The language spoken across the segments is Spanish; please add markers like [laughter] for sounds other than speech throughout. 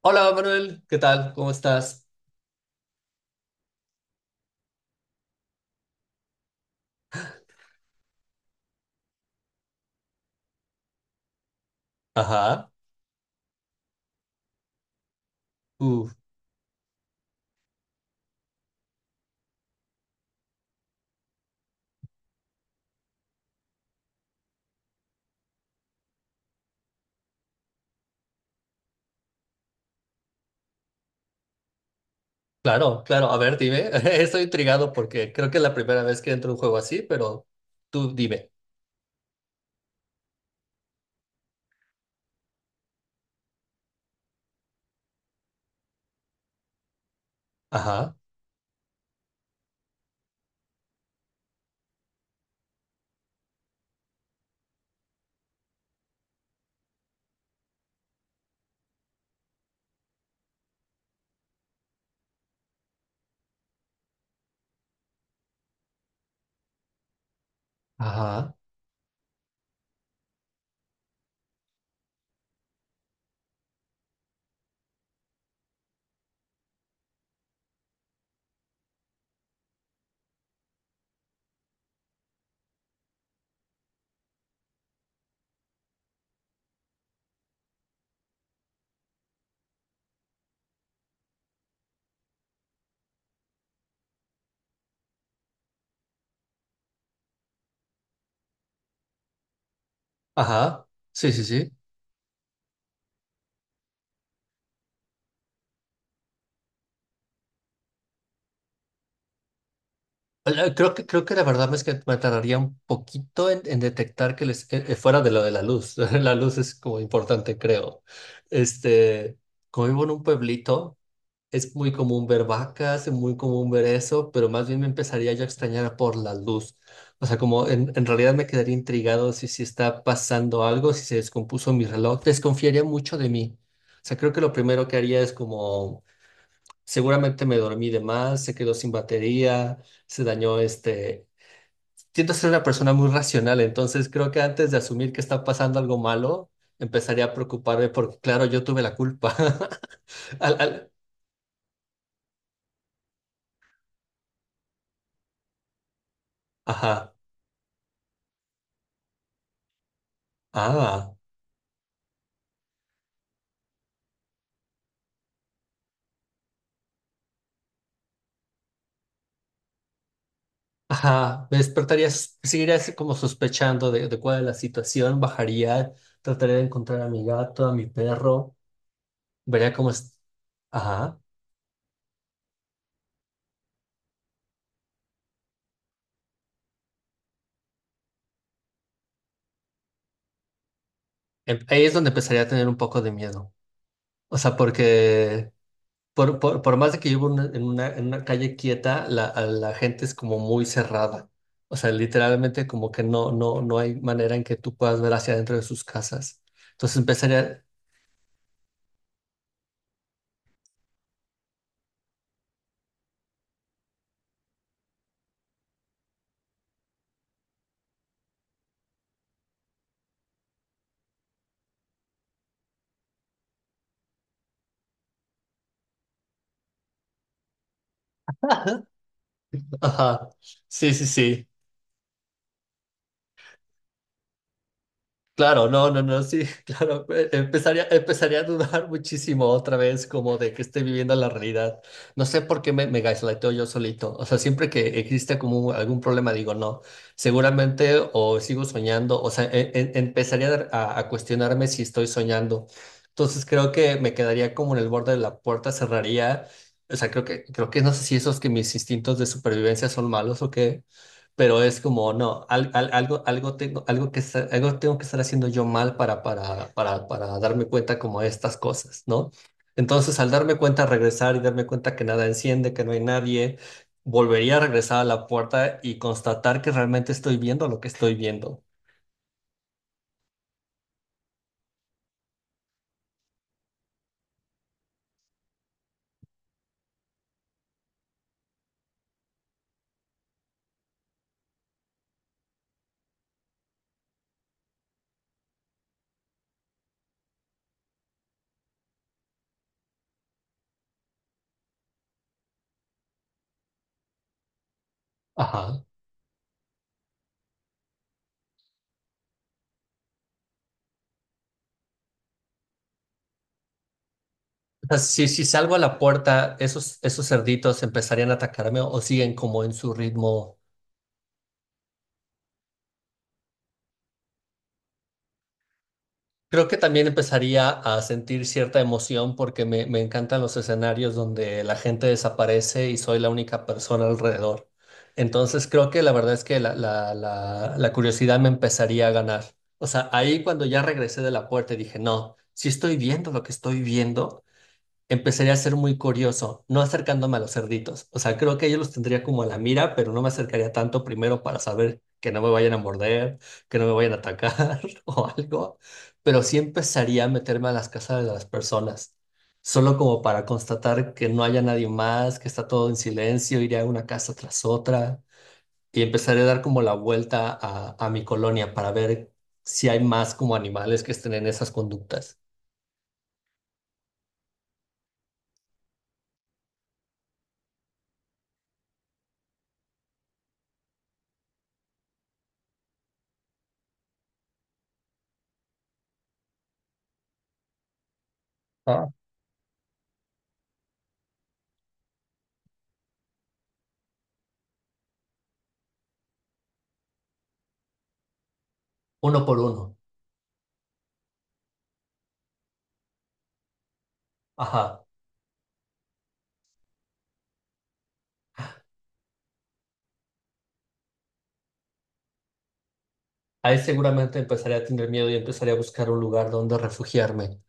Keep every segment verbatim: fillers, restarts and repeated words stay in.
Hola Manuel, ¿qué tal? ¿Cómo estás? Ajá. Uf, claro, claro. A ver, dime. [laughs] Estoy intrigado porque creo que es la primera vez que entro a un juego así, pero tú dime. Ajá, ajá, ajá. Sí, sí, sí. Eh, Creo que, creo que la verdad es que me tardaría un poquito en, en detectar que les, eh, eh, fuera de lo de la luz. [laughs] La luz es como importante, creo. Este, como vivo en un pueblito. Es muy común ver vacas, es muy común ver eso, pero más bien me empezaría yo a extrañar por la luz. O sea, como en, en realidad me quedaría intrigado si, si está pasando algo, si se descompuso mi reloj, desconfiaría mucho de mí. O sea, creo que lo primero que haría es como, seguramente me dormí de más, se quedó sin batería, se dañó este... Siento ser una persona muy racional, entonces creo que antes de asumir que está pasando algo malo, empezaría a preocuparme porque, claro, yo tuve la culpa. [laughs] Al- al- Ajá. Ah. Ajá, me despertarías, seguirías como sospechando de, de cuál es la situación, bajaría, trataría de encontrar a mi gato, a mi perro, vería cómo es. Ajá, Em- ahí es donde empezaría a tener un poco de miedo. O sea, porque por, por, por más de que vivo en una, en una, en una calle quieta, la, a la gente es como muy cerrada. O sea, literalmente como que no, no, no hay manera en que tú puedas ver hacia adentro de sus casas. Entonces empezaría... [laughs] Ajá, sí, sí, sí. Claro, no, no, no, sí, [laughs] claro. eh, Empezaría, empezaría a dudar muchísimo otra vez como de que esté viviendo la realidad. No sé por qué me, me gaslighteo yo solito. O sea, siempre que existe como un- algún problema, digo, no, seguramente o sigo soñando, o sea, e- e- empezaría a, dar- a a cuestionarme si estoy soñando. Entonces creo que me quedaría como en el borde de la puerta, cerraría. O sea, creo que, creo que no sé si esos que mis instintos de supervivencia son malos o qué, pero es como, no, al- al- algo, algo tengo, algo que, estar- algo tengo que estar haciendo yo mal para, para, para, para darme cuenta como de estas cosas, ¿no? Entonces, al darme cuenta, regresar y darme cuenta que nada enciende, que no hay nadie, volvería a regresar a la puerta y constatar que realmente estoy viendo lo que estoy viendo. Ajá. O sea, si, si salgo a la puerta, esos, esos cerditos empezarían a atacarme o siguen como en su ritmo. Creo que también empezaría a sentir cierta emoción porque me, me encantan los escenarios donde la gente desaparece y soy la única persona alrededor. Entonces creo que la verdad es que la, la, la, la curiosidad me empezaría a ganar. O sea, ahí cuando ya regresé de la puerta y dije, no, si estoy viendo lo que estoy viendo, empezaría a ser muy curioso, no acercándome a los cerditos. O sea, creo que yo los tendría como a la mira, pero no me acercaría tanto primero para saber que no me vayan a morder, que no me vayan a atacar [laughs] o algo. Pero sí empezaría a meterme a las casas de las personas, solo como para constatar que no haya nadie más, que está todo en silencio, iría a una casa tras otra y empezaré a dar como la vuelta a, a mi colonia para ver si hay más como animales que estén en esas conductas. Ah, uno por uno. Ajá. Ahí seguramente empezaré a tener miedo y empezaré a buscar un lugar donde refugiarme.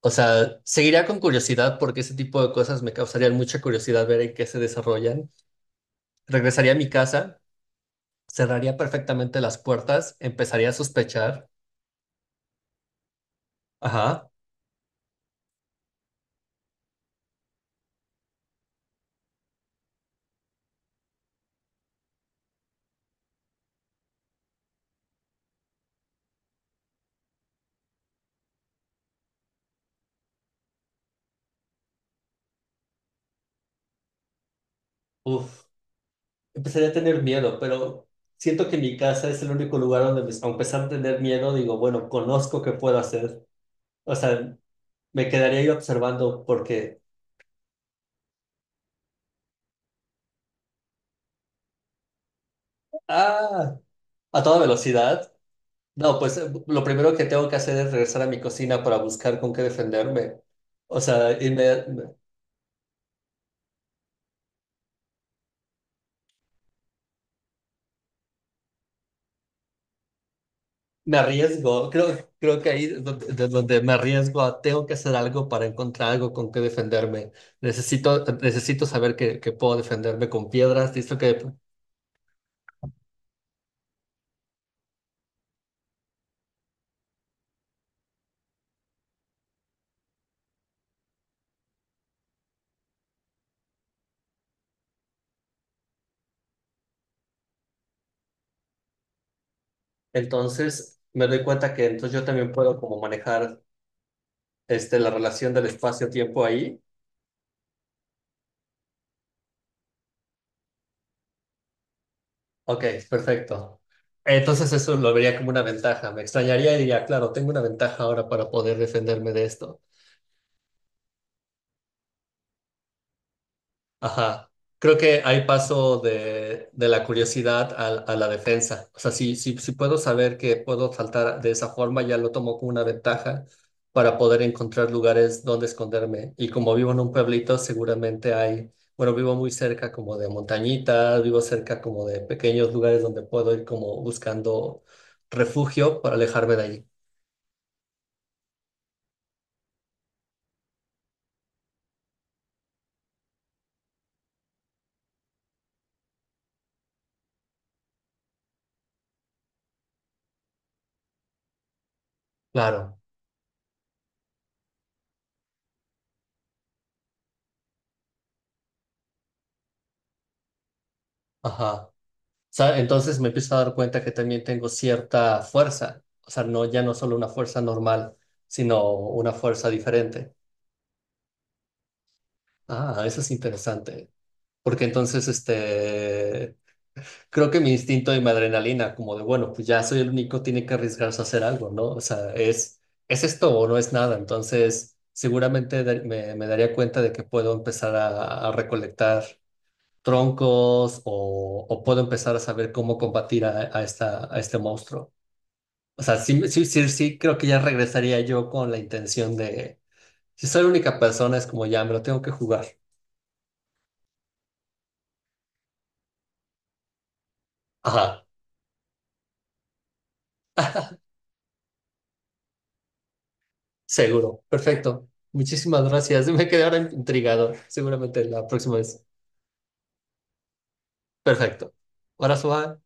O sea, seguiría con curiosidad porque ese tipo de cosas me causarían mucha curiosidad ver en qué se desarrollan. Regresaría a mi casa, cerraría perfectamente las puertas, empezaría a sospechar. Ajá, uf, empezaría a tener miedo, pero siento que mi casa es el único lugar donde, me- a pesar de tener miedo, digo, bueno, conozco qué puedo hacer. O sea, me quedaría yo observando porque, ah, a toda velocidad. No, pues eh, lo primero que tengo que hacer es regresar a mi cocina para buscar con qué defenderme. O sea, y me, me- me arriesgo. Creo, creo que ahí es donde, de donde me arriesgo a tengo que hacer algo para encontrar algo con qué defenderme. Necesito, necesito saber que, que puedo defenderme con piedras. Listo que... Entonces me doy cuenta que entonces yo también puedo como manejar este, la relación del espacio-tiempo ahí. Ok, perfecto. Entonces eso lo vería como una ventaja. Me extrañaría y diría, claro, tengo una ventaja ahora para poder defenderme de esto. Ajá. Creo que ahí paso de, de la curiosidad al- a la defensa. O sea, si, si, si puedo saber que puedo saltar de esa forma, ya lo tomo como una ventaja para poder encontrar lugares donde esconderme. Y como vivo en un pueblito, seguramente hay, bueno, vivo muy cerca como de montañitas, vivo cerca como de pequeños lugares donde puedo ir como buscando refugio para alejarme de allí. Claro. Ajá. sa- Entonces me empiezo a dar cuenta que también tengo cierta fuerza, o sea, no, ya no solo una fuerza normal, sino una fuerza diferente. Ah, eso es interesante, porque entonces este, creo que mi instinto y mi adrenalina, como de, bueno, pues ya soy el único, tiene que arriesgarse a hacer algo, ¿no? O sea, es, es esto o no es nada, entonces seguramente dar- me, me daría cuenta de que puedo empezar a, a recolectar troncos o, o puedo empezar a saber cómo combatir a, a esta, a este monstruo. O sea, sí, sí, sí, sí, creo que ya regresaría yo con la intención de, si soy la única persona, es como ya me lo tengo que jugar. Ajá, seguro, perfecto. Muchísimas gracias. [laughs] Me quedé ahora intrigado, seguramente la próxima vez. Perfecto. Ahora,